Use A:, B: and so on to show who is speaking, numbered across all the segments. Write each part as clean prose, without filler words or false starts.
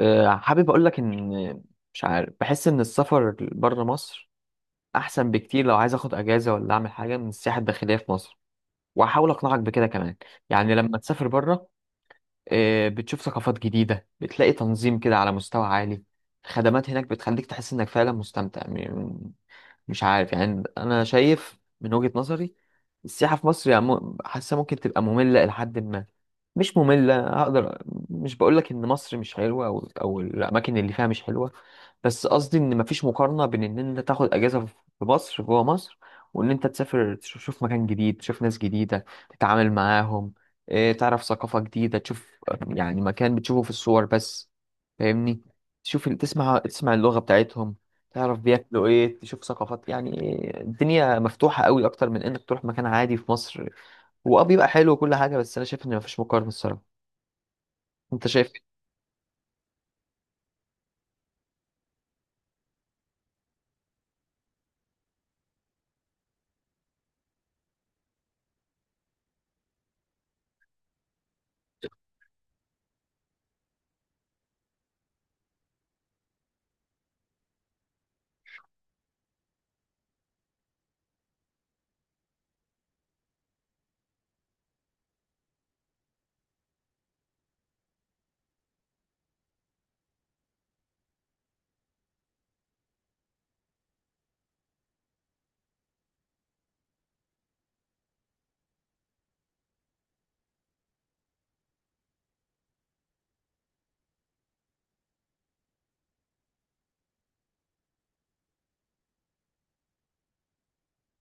A: حابب اقول لك ان مش عارف، بحس ان السفر بره مصر احسن بكتير لو عايز اخد اجازه ولا اعمل حاجه من السياحه الداخليه في مصر. وهحاول اقنعك بكده كمان. يعني لما تسافر بره، بتشوف ثقافات جديدة، بتلاقي تنظيم كده على مستوى عالي. الخدمات هناك بتخليك تحس انك فعلا مستمتع. مش عارف، يعني انا شايف من وجهة نظري السياحة في مصر، يعني حاسة ممكن تبقى مملة لحد ما. مش مملة هقدر، مش بقولك ان مصر مش حلوة او الاماكن اللي فيها مش حلوة، بس قصدي ان مفيش مقارنة بين ان انت تاخد اجازة في مصر جوه مصر، وان انت تسافر، تشوف مكان جديد، تشوف ناس جديدة تتعامل معاهم. إيه، تعرف ثقافة جديدة، تشوف يعني مكان بتشوفه في الصور بس. فاهمني؟ تشوف، تسمع اللغة بتاعتهم، تعرف بياكلوا ايه، تشوف ثقافات يعني. إيه، الدنيا مفتوحة قوي اكتر من انك تروح مكان عادي في مصر. هو اه بيبقى حلو وكل حاجة، بس انا شايف ان مفيش مقارنة الصراحة. انت شايف إيه؟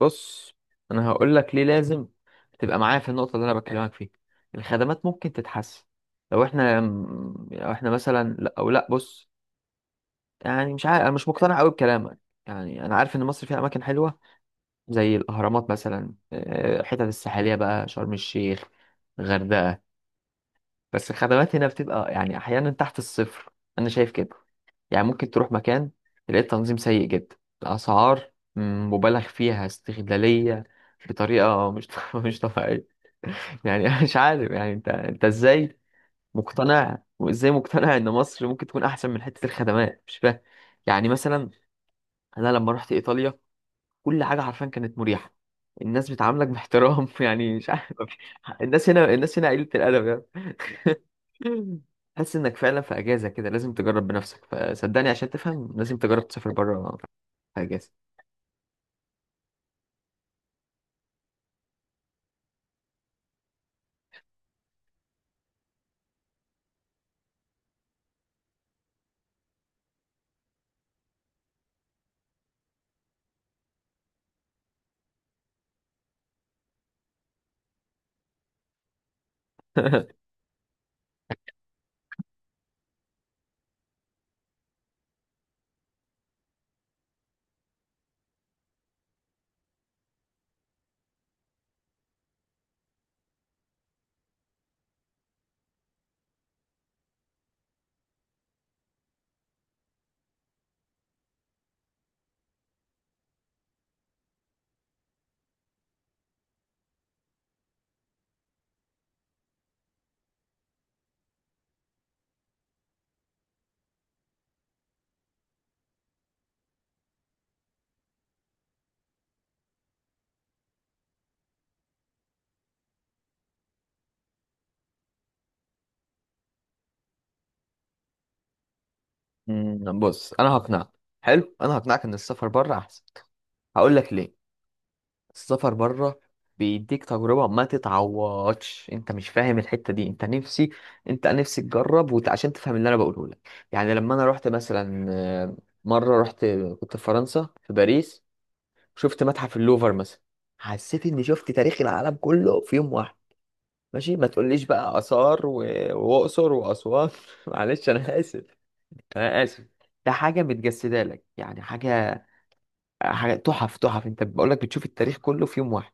A: بص، انا هقول لك ليه لازم تبقى معايا في النقطة اللي انا بكلمك فيها. الخدمات ممكن تتحسن لو احنا، لو احنا مثلا لا، او لا بص، يعني مش عارف، انا مش مقتنع قوي بكلامك. يعني انا عارف ان مصر فيها اماكن حلوه زي الاهرامات مثلا، آه، الحتت الساحليه بقى، شرم الشيخ، غردقه. بس الخدمات هنا بتبقى يعني احيانا تحت الصفر. انا شايف كده. يعني ممكن تروح مكان تلاقي التنظيم سيء جدا، الاسعار مبالغ فيها استغلاليه بطريقه مش مش طبيعيه. يعني أنا مش عارف، يعني انت ازاي مقتنع، وازاي مقتنع ان مصر ممكن تكون احسن من حته الخدمات؟ مش فاهم. يعني مثلا انا لما رحت ايطاليا كل حاجه حرفيا كانت مريحه، الناس بتعاملك باحترام يعني مش عارف، الناس هنا قليله الادب يعني تحس انك فعلا في اجازه كده. لازم تجرب بنفسك، فصدقني عشان تفهم لازم تجرب تسافر بره في اجازه بص انا هقنعك. حلو، انا هقنعك ان السفر بره احسن. هقول لك ليه. السفر بره بيديك تجربة ما تتعوضش. انت مش فاهم الحتة دي. انت نفسي تجرب عشان تفهم اللي انا بقوله لك. يعني لما انا رحت مثلا، آه، مرة رحت كنت في فرنسا في باريس، شفت متحف اللوفر مثلا، حسيت اني شفت تاريخ العالم كله في يوم واحد. ماشي، ما تقوليش بقى آثار وأقصر وأسوان معلش انا آسف، انا آسف. ده حاجة متجسدة لك، يعني حاجة تحف تحف. انت بقول لك بتشوف التاريخ كله في يوم واحد.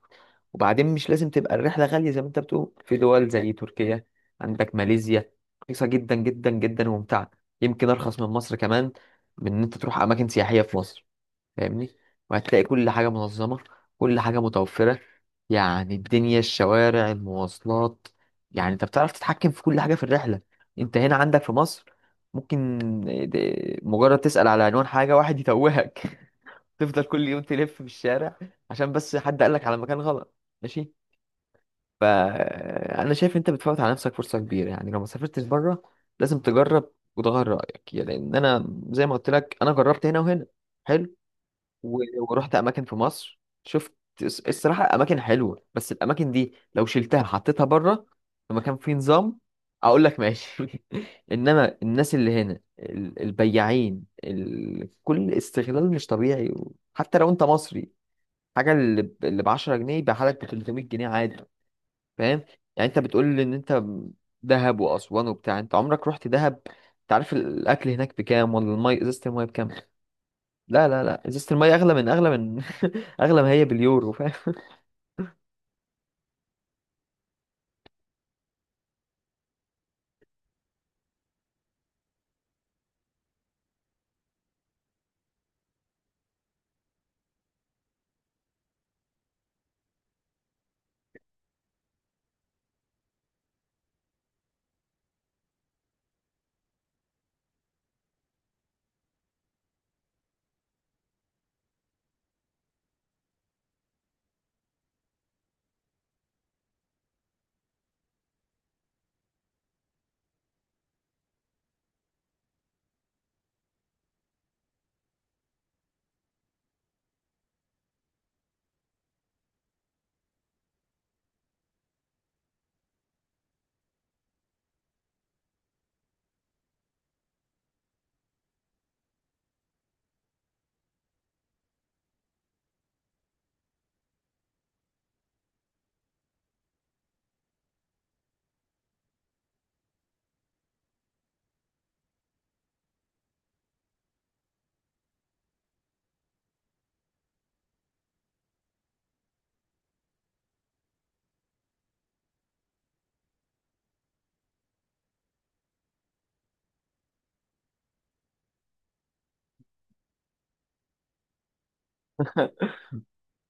A: وبعدين مش لازم تبقى الرحلة غالية زي ما انت بتقول، في دول زي تركيا، عندك ماليزيا، رخيصة جدا جدا جدا وممتعة، يمكن أرخص من مصر كمان، من إن أنت تروح أماكن سياحية في مصر. فاهمني؟ وهتلاقي كل حاجة منظمة، كل حاجة متوفرة، يعني الدنيا، الشوارع، المواصلات. يعني أنت بتعرف تتحكم في كل حاجة في الرحلة. أنت هنا عندك في مصر، ممكن مجرد تسأل على عنوان حاجة واحد يتوهك تفضل كل يوم تلف في الشارع عشان بس حد قالك على مكان غلط. ماشي. فانا شايف انت بتفوت على نفسك فرصه كبيره يعني لو ما سافرتش بره. لازم تجرب وتغير رايك يعني، لان انا زي ما قلت لك انا جربت هنا وهنا. حلو، و- ورحت اماكن في مصر، شفت الصراحه اماكن حلوه، بس الاماكن دي لو شلتها حطيتها بره في مكان فيه نظام اقول لك ماشي انما الناس اللي هنا البياعين، كل استغلال مش طبيعي، حتى لو انت مصري. حاجه اللي ب 10 جنيه يبقى لك ب 300 جنيه عادي. فاهم؟ يعني انت بتقول لي ان انت دهب واسوان وبتاع، انت عمرك رحت دهب؟ انت عارف الاكل هناك بكام؟ ولا المي، ازازه الميه بكام؟ لا لا لا، ازازه الميه اغلى من، اغلى ما هي باليورو. فاهم؟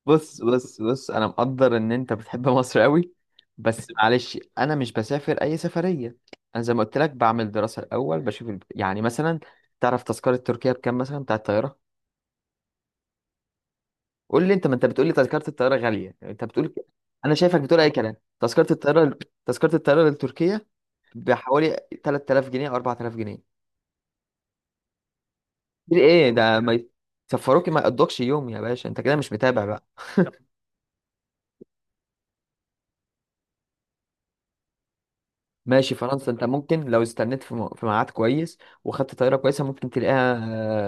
A: بص بص بص، انا مقدر ان انت بتحب مصر قوي. بس معلش انا مش بسافر اي سفريه. انا زي ما قلت لك بعمل دراسه الاول، بشوف يعني مثلا، تعرف تذكره تركيا بكام مثلا بتاع الطياره؟ قول لي، انت ما انت بتقول لي تذكره الطياره غاليه، انت بتقول كده. انا شايفك بتقول اي كلام. تذكره الطياره، تذكره الطياره لتركيا بحوالي 3000 جنيه او 4000 جنيه. كتير ايه ده؟ ما يسفروك، ما يقضكش يوم يا باشا، انت كده مش متابع بقى. ماشي، فرنسا انت ممكن لو استنيت في في ميعاد كويس وخدت طياره كويسه ممكن تلاقيها،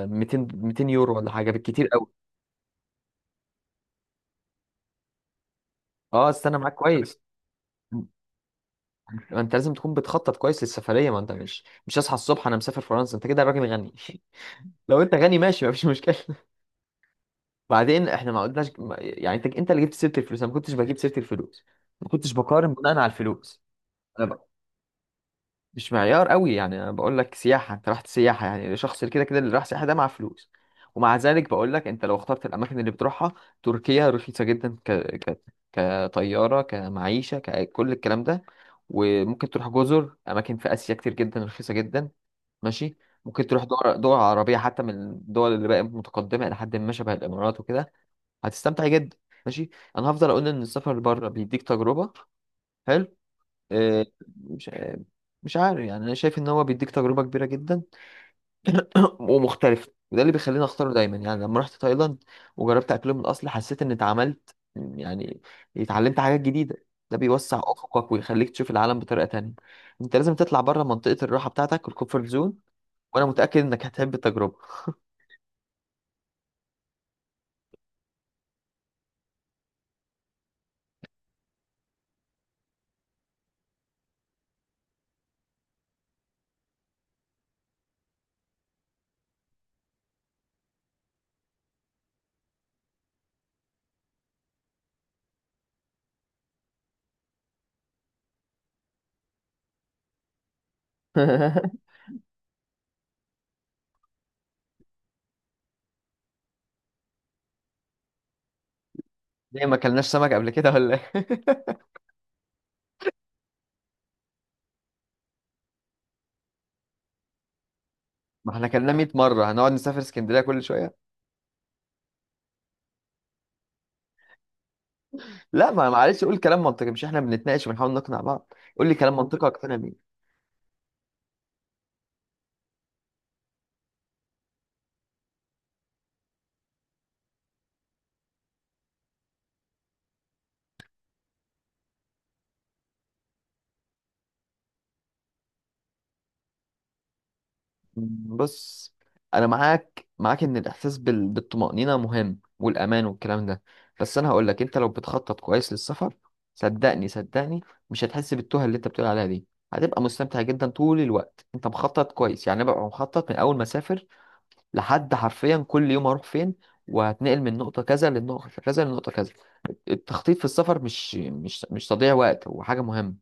A: آه، 200، 200 يورو ولا حاجه بالكتير قوي. اه استنى معاك كويس. ما انت لازم تكون بتخطط كويس للسفريه، ما انت مش هصحى الصبح انا مسافر فرنسا. انت كده راجل غني لو انت غني ماشي مفيش مشكله. بعدين احنا ما قلناش، يعني انت اللي جبت سيره الفلوس، انا ما كنتش بجيب سيره الفلوس، ما كنتش بقارن بناء على الفلوس. انا ب... مش معيار قوي يعني. انا بقول لك سياحه، انت رحت سياحه، يعني الشخص اللي كده كده اللي راح سياحه ده مع فلوس. ومع ذلك بقول لك انت لو اخترت الاماكن اللي بتروحها، تركيا رخيصه جدا كطياره، كمعيشه، ككل الكلام ده. وممكن تروح جزر، اماكن في اسيا كتير جدا رخيصه جدا. ماشي، ممكن تروح دول عربيه حتى، من الدول اللي بقت متقدمه الى حد ما، شبه الامارات وكده، هتستمتع جدا. ماشي. انا هفضل اقول ان السفر بره بيديك تجربه. حلو، آه، مش مش عارف يعني، انا شايف ان هو بيديك تجربه كبيره جدا ومختلفه، وده اللي بيخليني اختاره دايما. يعني لما رحت تايلاند وجربت اكلهم الاصلي حسيت ان اتعملت، يعني اتعلمت حاجات جديده. ده بيوسع افقك ويخليك تشوف العالم بطريقه تانية. انت لازم تطلع بره منطقه الراحه بتاعتك، الكومفورت زون. وانا متاكد انك هتحب التجربه. ليه ما اكلناش سمك قبل كده ولا ايه ما احنا كلمنا 100 مرة هنقعد نسافر اسكندرية كل شوية. لا ما معلش، قول كلام منطقي. مش احنا بنتناقش وبنحاول نقنع بعض؟ قول لي كلام منطقي اقتنع بيه. بص، انا معاك ان الاحساس بالطمأنينة مهم، والامان والكلام ده. بس انا هقول لك، انت لو بتخطط كويس للسفر، صدقني مش هتحس بالتوه اللي انت بتقول عليها دي. هتبقى مستمتع جدا طول الوقت انت مخطط كويس. يعني أنا ببقى مخطط من اول ما اسافر لحد حرفيا كل يوم هروح فين، وهتنقل من نقطة كذا للنقطة كذا للنقطة كذا. التخطيط في السفر مش تضييع وقت، هو حاجة مهمة.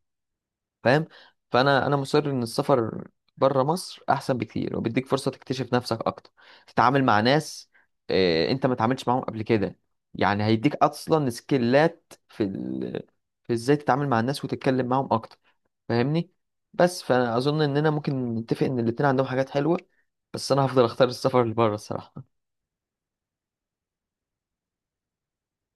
A: فاهم؟ فأنا مصر إن السفر بره مصر أحسن بكتير، وبيديك فرصة تكتشف نفسك أكتر، تتعامل مع ناس، آه، أنت ما اتعاملتش معاهم قبل كده. يعني هيديك أصلا سكيلات في في إزاي تتعامل مع الناس وتتكلم معاهم أكتر. فاهمني؟ بس فأنا أظن إننا ممكن نتفق إن الاتنين عندهم حاجات حلوة، بس أنا هفضل أختار السفر اللي بره الصراحة.